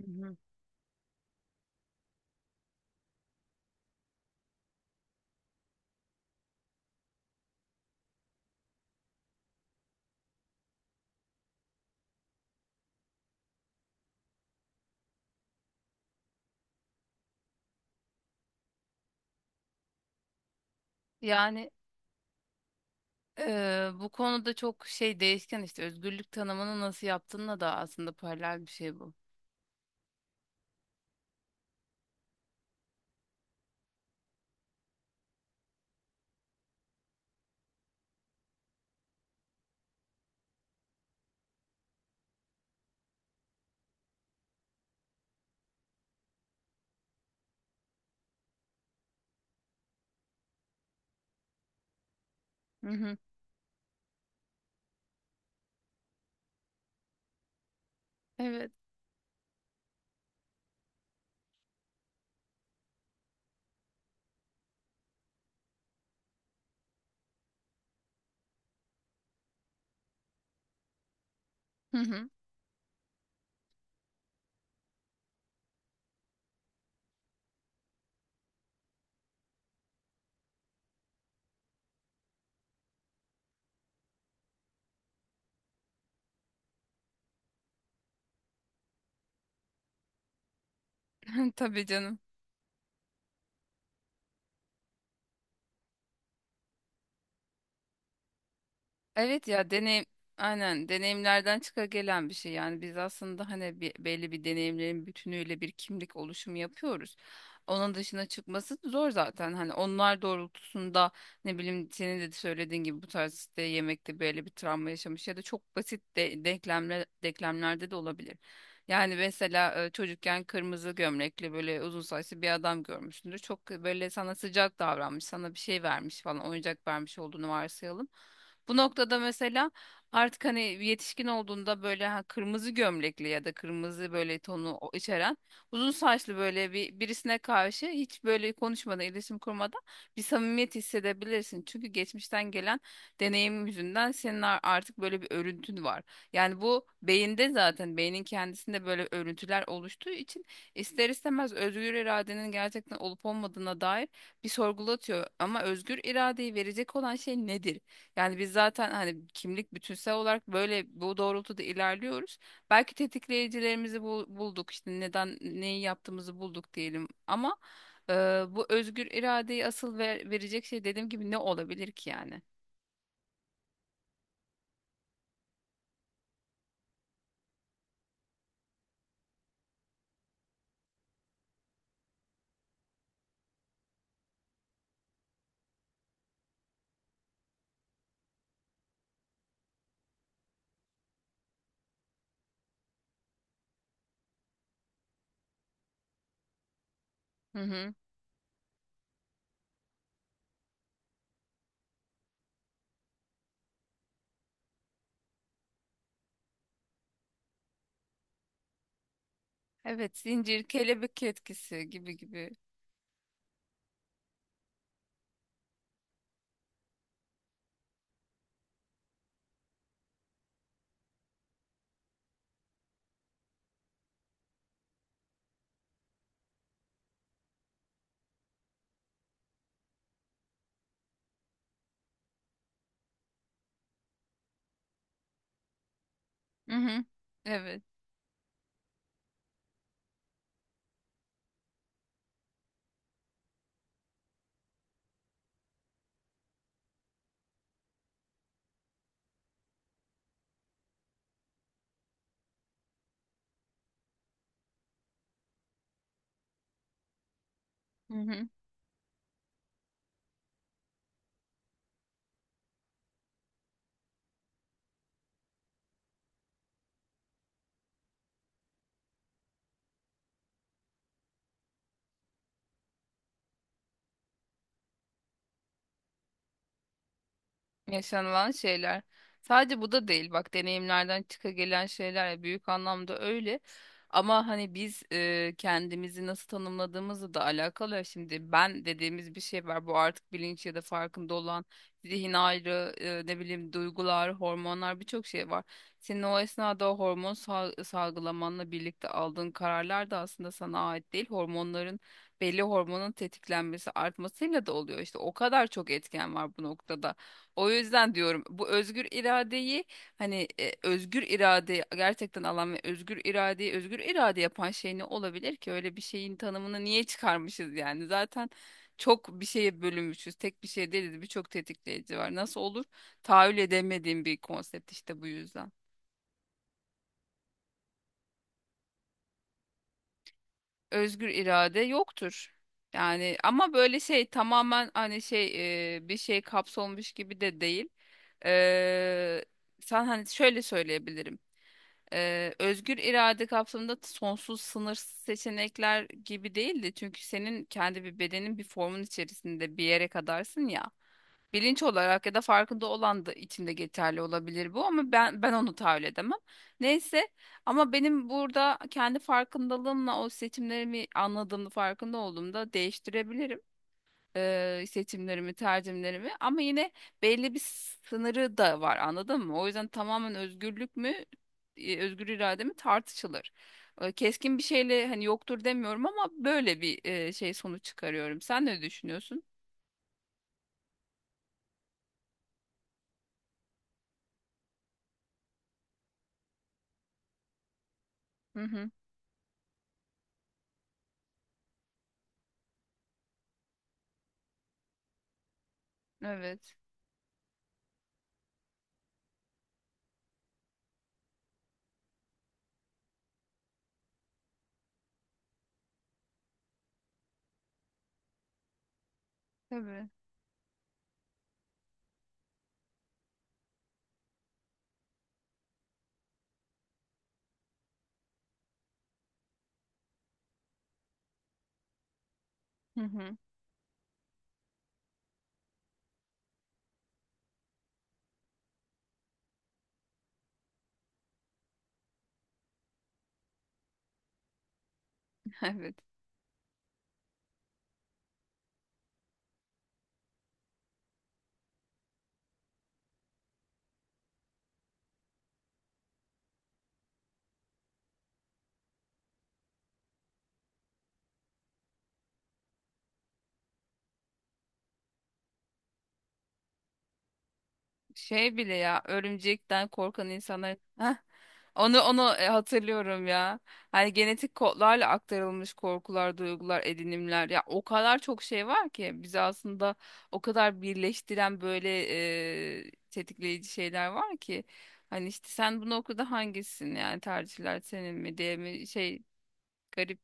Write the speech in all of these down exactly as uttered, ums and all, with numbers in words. Hı hı. Yani eee, Bu konuda çok şey değişken, işte özgürlük tanımını nasıl yaptığınla da aslında paralel bir şey bu. Hı hı. Evet. Hı hı. Tabii canım. Evet ya, deneyim aynen deneyimlerden çıka gelen bir şey. Yani biz aslında hani bir, belli bir deneyimlerin bütünüyle bir kimlik oluşumu yapıyoruz. Onun dışına çıkması zor zaten, hani onlar doğrultusunda, ne bileyim, senin de söylediğin gibi bu tarz işte yemekte böyle bir travma yaşamış ya da çok basit de, denklemle, denklemlerde de olabilir. Yani mesela e, çocukken kırmızı gömlekli böyle uzun saçlı bir adam görmüşsündür. Çok böyle sana sıcak davranmış, sana bir şey vermiş falan, oyuncak vermiş olduğunu varsayalım. Bu noktada mesela artık hani yetişkin olduğunda böyle, ha, kırmızı gömlekli ya da kırmızı böyle tonu o- içeren uzun saçlı böyle bir birisine karşı hiç böyle konuşmadan, iletişim kurmadan bir samimiyet hissedebilirsin. Çünkü geçmişten gelen deneyim yüzünden senin ar- artık böyle bir örüntün var. Yani bu beyinde, zaten beynin kendisinde böyle örüntüler oluştuğu için ister istemez özgür iradenin gerçekten olup olmadığına dair bir sorgulatıyor. Ama özgür iradeyi verecek olan şey nedir? Yani biz zaten hani kimlik bütünsel olarak böyle bu doğrultuda ilerliyoruz. Belki tetikleyicilerimizi bul- bulduk, işte neden neyi yaptığımızı bulduk diyelim, ama e, bu özgür iradeyi asıl ver- verecek şey, dediğim gibi, ne olabilir ki yani? Hı hı. Evet, zincir, kelebek etkisi gibi gibi. Hı hı. Evet. Hı hı. Yaşanılan şeyler. Sadece bu da değil bak, deneyimlerden çıka gelen şeyler ya, büyük anlamda öyle. Ama hani biz e, kendimizi nasıl tanımladığımızla da alakalı ya. Şimdi ben dediğimiz bir şey var. Bu artık bilinç ya da farkında olan zihin ayrı, e, ne bileyim, duygular, hormonlar, birçok şey var. Senin o esnada o hormon sal- salgılamanla birlikte aldığın kararlar da aslında sana ait değil. Hormonların belli hormonun tetiklenmesi, artmasıyla da oluyor. İşte o kadar çok etken var bu noktada. O yüzden diyorum, bu özgür iradeyi, hani e, özgür iradeyi gerçekten alan ve özgür iradeyi özgür irade yapan şey ne olabilir ki? Öyle bir şeyin tanımını niye çıkarmışız yani? Zaten çok bir şeye bölünmüşüz. Tek bir şey değiliz. Birçok tetikleyici var. Nasıl olur? Tahayyül edemediğim bir konsept işte bu yüzden. Özgür irade yoktur. Yani ama böyle şey, tamamen hani şey e, bir şey kapsolmuş gibi de değil. Eee Sen, hani şöyle söyleyebilirim. Ee, özgür irade kapsamında sonsuz sınırsız seçenekler gibi değildi. Çünkü senin kendi bir bedenin, bir formun içerisinde bir yere kadarsın ya. Bilinç olarak ya da farkında olan da içinde geçerli olabilir bu, ama ben ben onu tahayyül edemem. Neyse, ama benim burada kendi farkındalığımla o seçimlerimi anladığımda, farkında olduğumda değiştirebilirim e, seçimlerimi, tercihlerimi, ama yine belli bir sınırı da var, anladın mı? O yüzden tamamen özgürlük mü, e, özgür irade mi, tartışılır. E, Keskin bir şeyle hani yoktur demiyorum, ama böyle bir e, şey sonuç çıkarıyorum. Sen ne düşünüyorsun? Hı hı. Evet. Tabii. Hı hı. Evet. Şey bile ya, örümcekten korkan insanlar. Heh, onu onu e, hatırlıyorum ya. Hani genetik kodlarla aktarılmış korkular, duygular, edinimler ya, o kadar çok şey var ki bizi aslında o kadar birleştiren böyle e, tetikleyici şeyler var ki, hani işte sen bunu okuda hangisin, yani tercihler senin mi diye mi şey. Garip.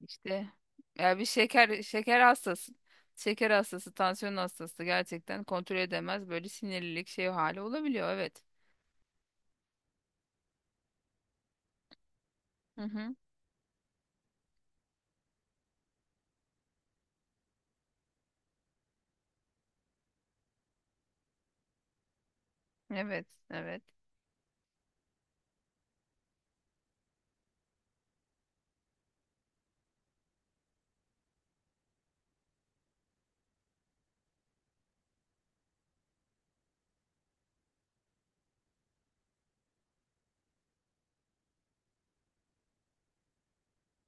İşte ya bir şeker şeker hastası. Şeker hastası, tansiyon hastası gerçekten kontrol edemez, böyle sinirlilik şey hali olabiliyor, evet. Hı hı. Evet, evet.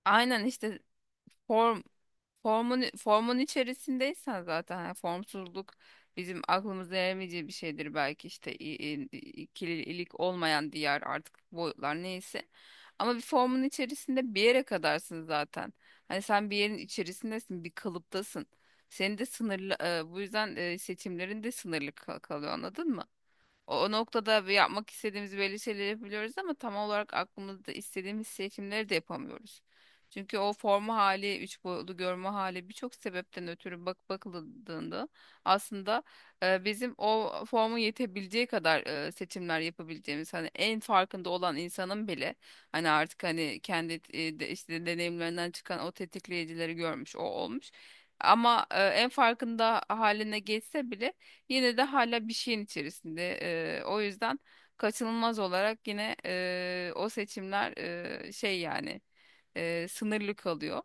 Aynen işte. Form formun formun içerisindeysen, zaten yani formsuzluk bizim aklımıza eremeyeceği bir şeydir belki, işte i- i- ikililik olmayan diğer artık boyutlar neyse. Ama bir formun içerisinde bir yere kadarsın zaten. Hani sen bir yerin içerisindesin, bir kalıptasın. Senin de sınırlı e, bu yüzden e, seçimlerin de sınırlı ka- kalıyor, anladın mı? O, o noktada bir yapmak istediğimiz belli şeyleri yapabiliyoruz, ama tam olarak aklımızda istediğimiz seçimleri de yapamıyoruz. Çünkü o forma hali, üç boyutlu görme hali, birçok sebepten ötürü bak bakıldığında aslında e, bizim o forma yetebileceği kadar e, seçimler yapabileceğimiz, hani en farkında olan insanın bile hani artık hani kendi e, de- işte deneyimlerinden çıkan o tetikleyicileri görmüş, o olmuş. Ama e, en farkında haline geçse bile yine de hala bir şeyin içerisinde. Eee, o yüzden kaçınılmaz olarak yine eee, o seçimler eee, şey yani eee, sınırlı kalıyor.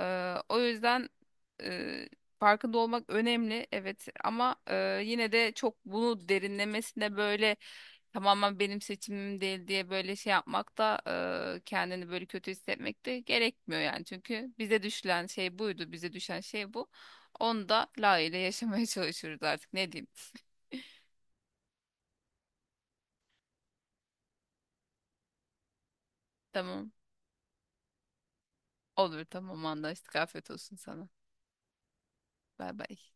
Ee, o yüzden e, farkında olmak önemli, evet, ama e, yine de çok bunu derinlemesine böyle tamamen benim seçimim değil diye böyle şey yapmak da, e, kendini böyle kötü hissetmek de gerekmiyor yani. Çünkü bize düşen şey buydu, bize düşen şey bu. Onu da layığıyla yaşamaya çalışıyoruz artık, ne diyeyim. Tamam, olur, tamam, anlaştık, afiyet olsun sana. Bay bay.